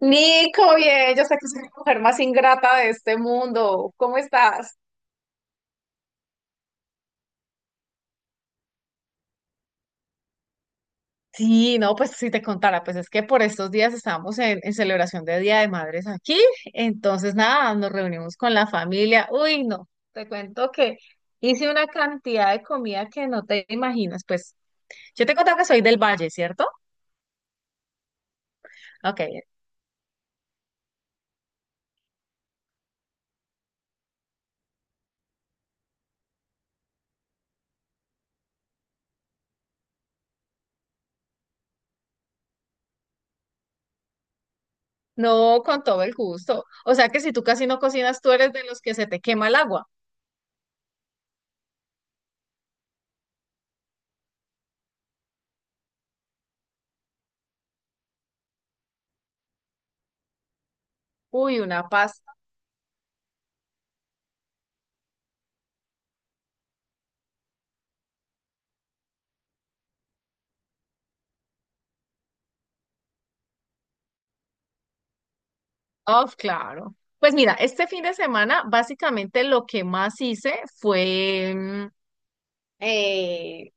Nico, bien, yo sé que soy la mujer más ingrata de este mundo. ¿Cómo estás? Sí, no, pues si te contara, pues es que por estos días estábamos en celebración de Día de Madres aquí, entonces nada, nos reunimos con la familia. Uy, no, te cuento que hice una cantidad de comida que no te imaginas, pues yo te contaba que soy del Valle, ¿cierto? Ok, no, con todo el gusto. O sea que si tú casi no cocinas, tú eres de los que se te quema el agua. Uy, una... Of, claro. Pues mira, este fin de semana básicamente lo que más hice fue, eh,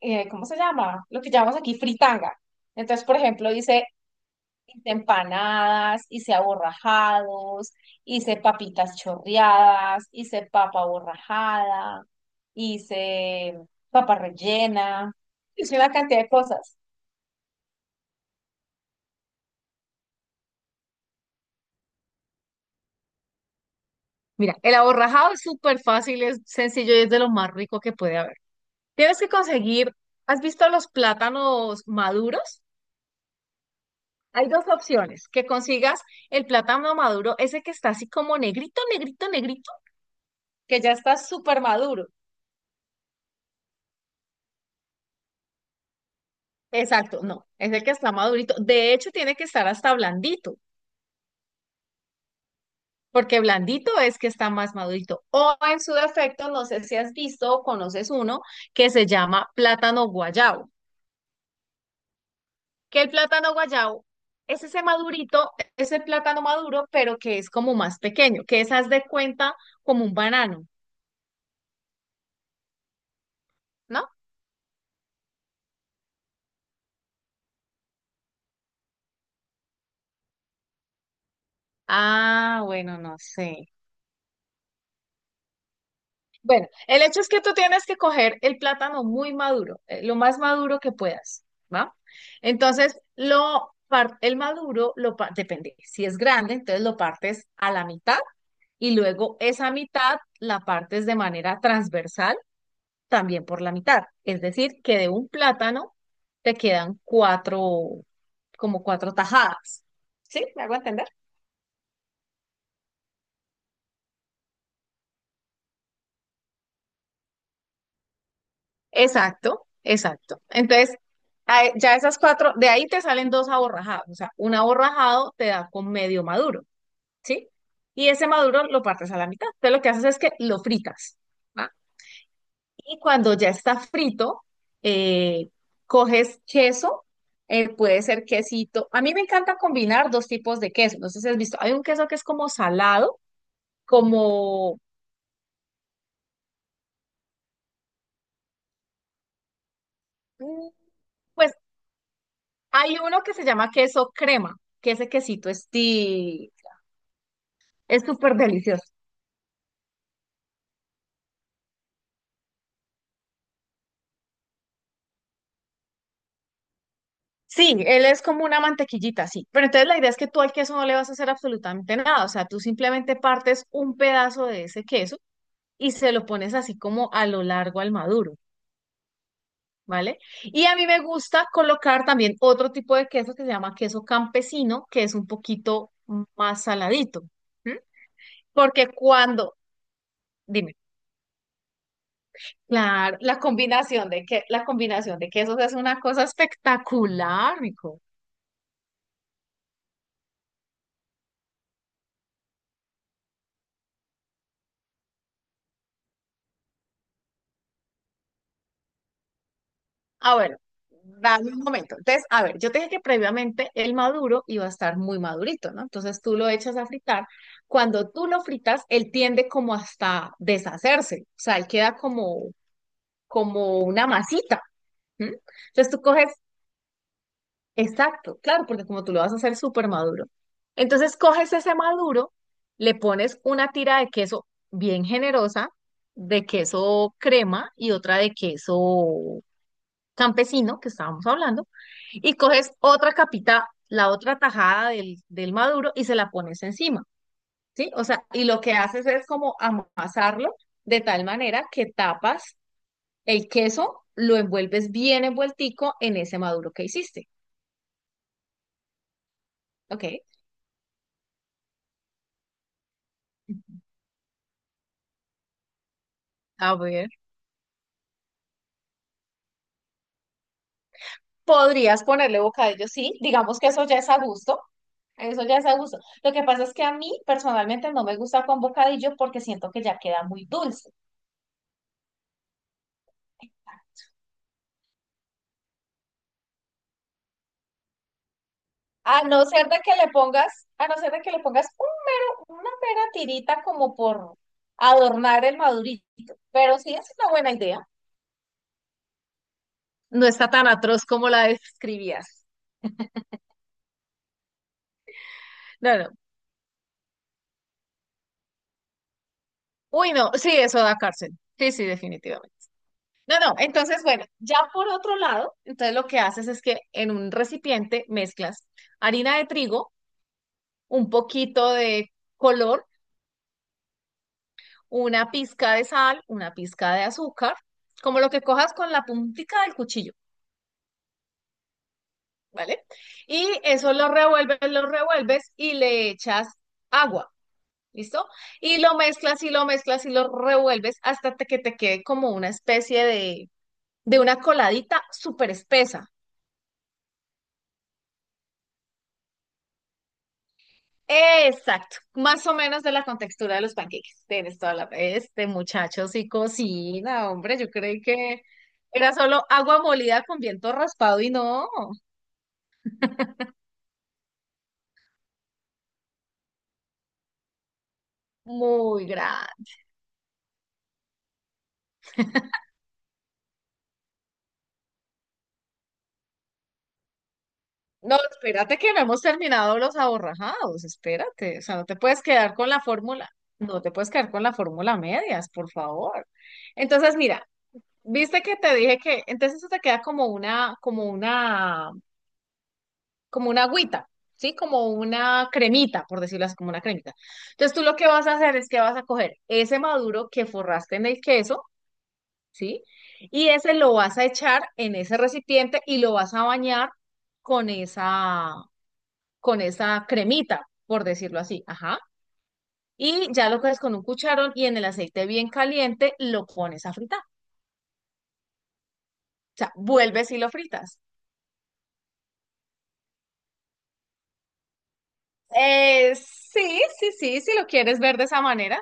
¿cómo se llama? Lo que llamamos aquí fritanga. Entonces, por ejemplo, hice empanadas, hice aborrajados, hice papitas chorreadas, hice papa aborrajada, hice papa rellena, hice una cantidad de cosas. Mira, el aborrajado es súper fácil, es sencillo y es de lo más rico que puede haber. Tienes que conseguir, ¿has visto los plátanos maduros? Hay dos opciones, que consigas el plátano maduro, ese que está así como negrito, negrito, negrito, que ya está súper maduro. Exacto, no, es el que está madurito. De hecho, tiene que estar hasta blandito, porque blandito es que está más madurito. O en su defecto, no sé si has visto o conoces uno que se llama plátano guayabo. Que el plátano guayabo es ese madurito, ese plátano maduro, pero que es como más pequeño, que es, haz de cuenta, como un banano, ¿no? Ah, bueno, no sé. Bueno, el hecho es que tú tienes que coger el plátano muy maduro, lo más maduro que puedas, ¿va? Entonces, el maduro, depende, si es grande, entonces lo partes a la mitad y luego esa mitad la partes de manera transversal también por la mitad. Es decir, que de un plátano te quedan cuatro, como cuatro tajadas. ¿Sí? ¿Me hago entender? Exacto, exacto. Entonces, ya esas cuatro, de ahí te salen dos aborrajados. O sea, un aborrajado te da con medio maduro, ¿sí? Y ese maduro lo partes a la mitad. Entonces, lo que haces es que lo fritas. ¿Va? Y cuando ya está frito, eh, coges queso, puede ser quesito. A mí me encanta combinar dos tipos de queso. No sé si has visto, hay un queso que es como salado, como, mm, pues hay uno que se llama queso crema, que ese quesito es súper delicioso. Sí, él es como una mantequillita, sí. Pero entonces la idea es que tú al queso no le vas a hacer absolutamente nada. O sea, tú simplemente partes un pedazo de ese queso y se lo pones así como a lo largo al maduro. ¿Vale? Y a mí me gusta colocar también otro tipo de queso que se llama queso campesino, que es un poquito más saladito, ¿m? Porque cuando, dime, claro, la combinación de que la combinación de quesos es una cosa espectacular, rico. Ah, bueno, dame un momento. Entonces, a ver, yo te dije que previamente el maduro iba a estar muy madurito, ¿no? Entonces tú lo echas a fritar. Cuando tú lo fritas, él tiende como hasta deshacerse, o sea, él queda como como una masita. ¿Mm? Entonces tú coges, exacto, claro, porque como tú lo vas a hacer súper maduro. Entonces coges ese maduro, le pones una tira de queso bien generosa, de queso crema y otra de queso campesino, que estábamos hablando, y coges otra capita, la otra tajada del maduro y se la pones encima, ¿sí? O sea, y lo que haces es como amasarlo de tal manera que tapas el queso, lo envuelves bien envueltico en ese maduro que hiciste. Ok. A ver. Podrías ponerle bocadillo, sí. Digamos que eso ya es a gusto. Eso ya es a gusto. Lo que pasa es que a mí personalmente no me gusta con bocadillo porque siento que ya queda muy dulce. A no ser de que le pongas un mero, una mera tirita como por adornar el madurito. Pero sí es una buena idea. No está tan atroz como la describías. No, no. Uy, no. Sí, eso da cárcel. Sí, sí, definitivamente. No, no, entonces, bueno, ya por otro lado, entonces lo que haces es que en un recipiente mezclas harina de trigo, un poquito de color, una pizca de sal, una pizca de azúcar, como lo que cojas con la puntica del cuchillo, ¿vale? Y eso lo revuelves y le echas agua, ¿listo? Y lo mezclas y lo revuelves hasta que te quede como una especie de una coladita súper espesa. Exacto, más o menos de la contextura de los panqueques. Tienes toda la... Este muchacho sí cocina, hombre. Yo creí que era solo agua molida con viento raspado y no, muy grande. No, espérate que no hemos terminado los aborrajados. Espérate, o sea, no te puedes quedar con la fórmula. No te puedes quedar con la fórmula a medias, por favor. Entonces, mira, viste que te dije que entonces eso te queda como una como una agüita, ¿sí? Como una cremita, por decirlo así, como una cremita. Entonces tú lo que vas a hacer es que vas a coger ese maduro que forraste en el queso, ¿sí? Y ese lo vas a echar en ese recipiente y lo vas a bañar con esa, con esa cremita, por decirlo así, ajá. Y ya lo coges con un cucharón y en el aceite bien caliente lo pones a fritar. O sea, vuelves y lo fritas. Sí, sí, sí, si lo quieres ver de esa manera.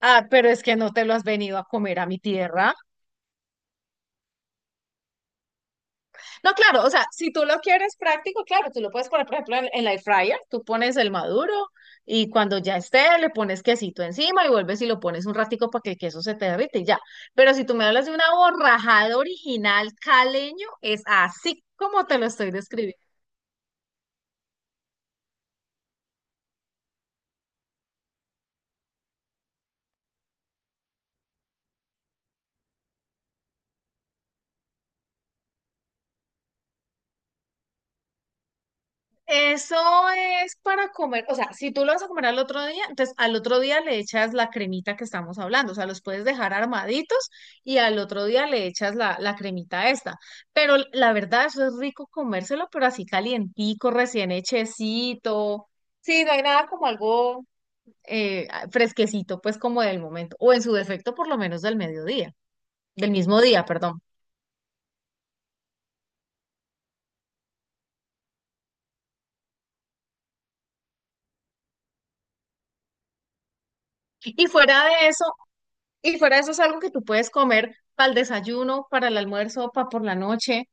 Ah, pero es que no te lo has venido a comer a mi tierra. No, claro, o sea, si tú lo quieres práctico, claro, tú lo puedes poner, por ejemplo, en la air fryer, tú pones el maduro y cuando ya esté, le pones quesito encima y vuelves y lo pones un ratico para que el queso se te derrite y ya. Pero si tú me hablas de una borrajada original caleño, es así como te lo estoy describiendo. Eso es para comer, o sea, si tú lo vas a comer al otro día, entonces al otro día le echas la cremita que estamos hablando, o sea, los puedes dejar armaditos y al otro día le echas la cremita esta. Pero la verdad, eso es rico comérselo, pero así calientico, recién hechecito. Sí, no hay nada como algo fresquecito, pues como del momento, o en su defecto por lo menos del mediodía, del mismo día, perdón. Y fuera de eso, y fuera de eso es algo que tú puedes comer para el desayuno, para el almuerzo, para por la noche.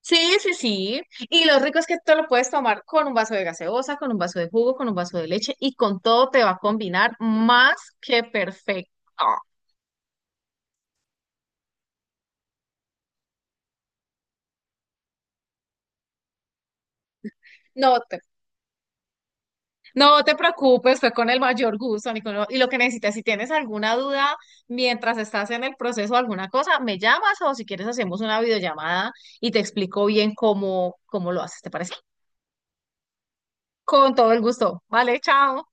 Sí, sí, sí. Y lo rico es que te lo puedes tomar con un vaso de gaseosa, con un vaso de jugo, con un vaso de leche y con todo te va a combinar más que perfecto. No te, no te preocupes, fue con el mayor gusto, Nicolás. Y lo que necesites, si tienes alguna duda mientras estás en el proceso o alguna cosa, me llamas o si quieres hacemos una videollamada y te explico bien cómo, cómo lo haces, ¿te parece? Con todo el gusto. Vale, chao.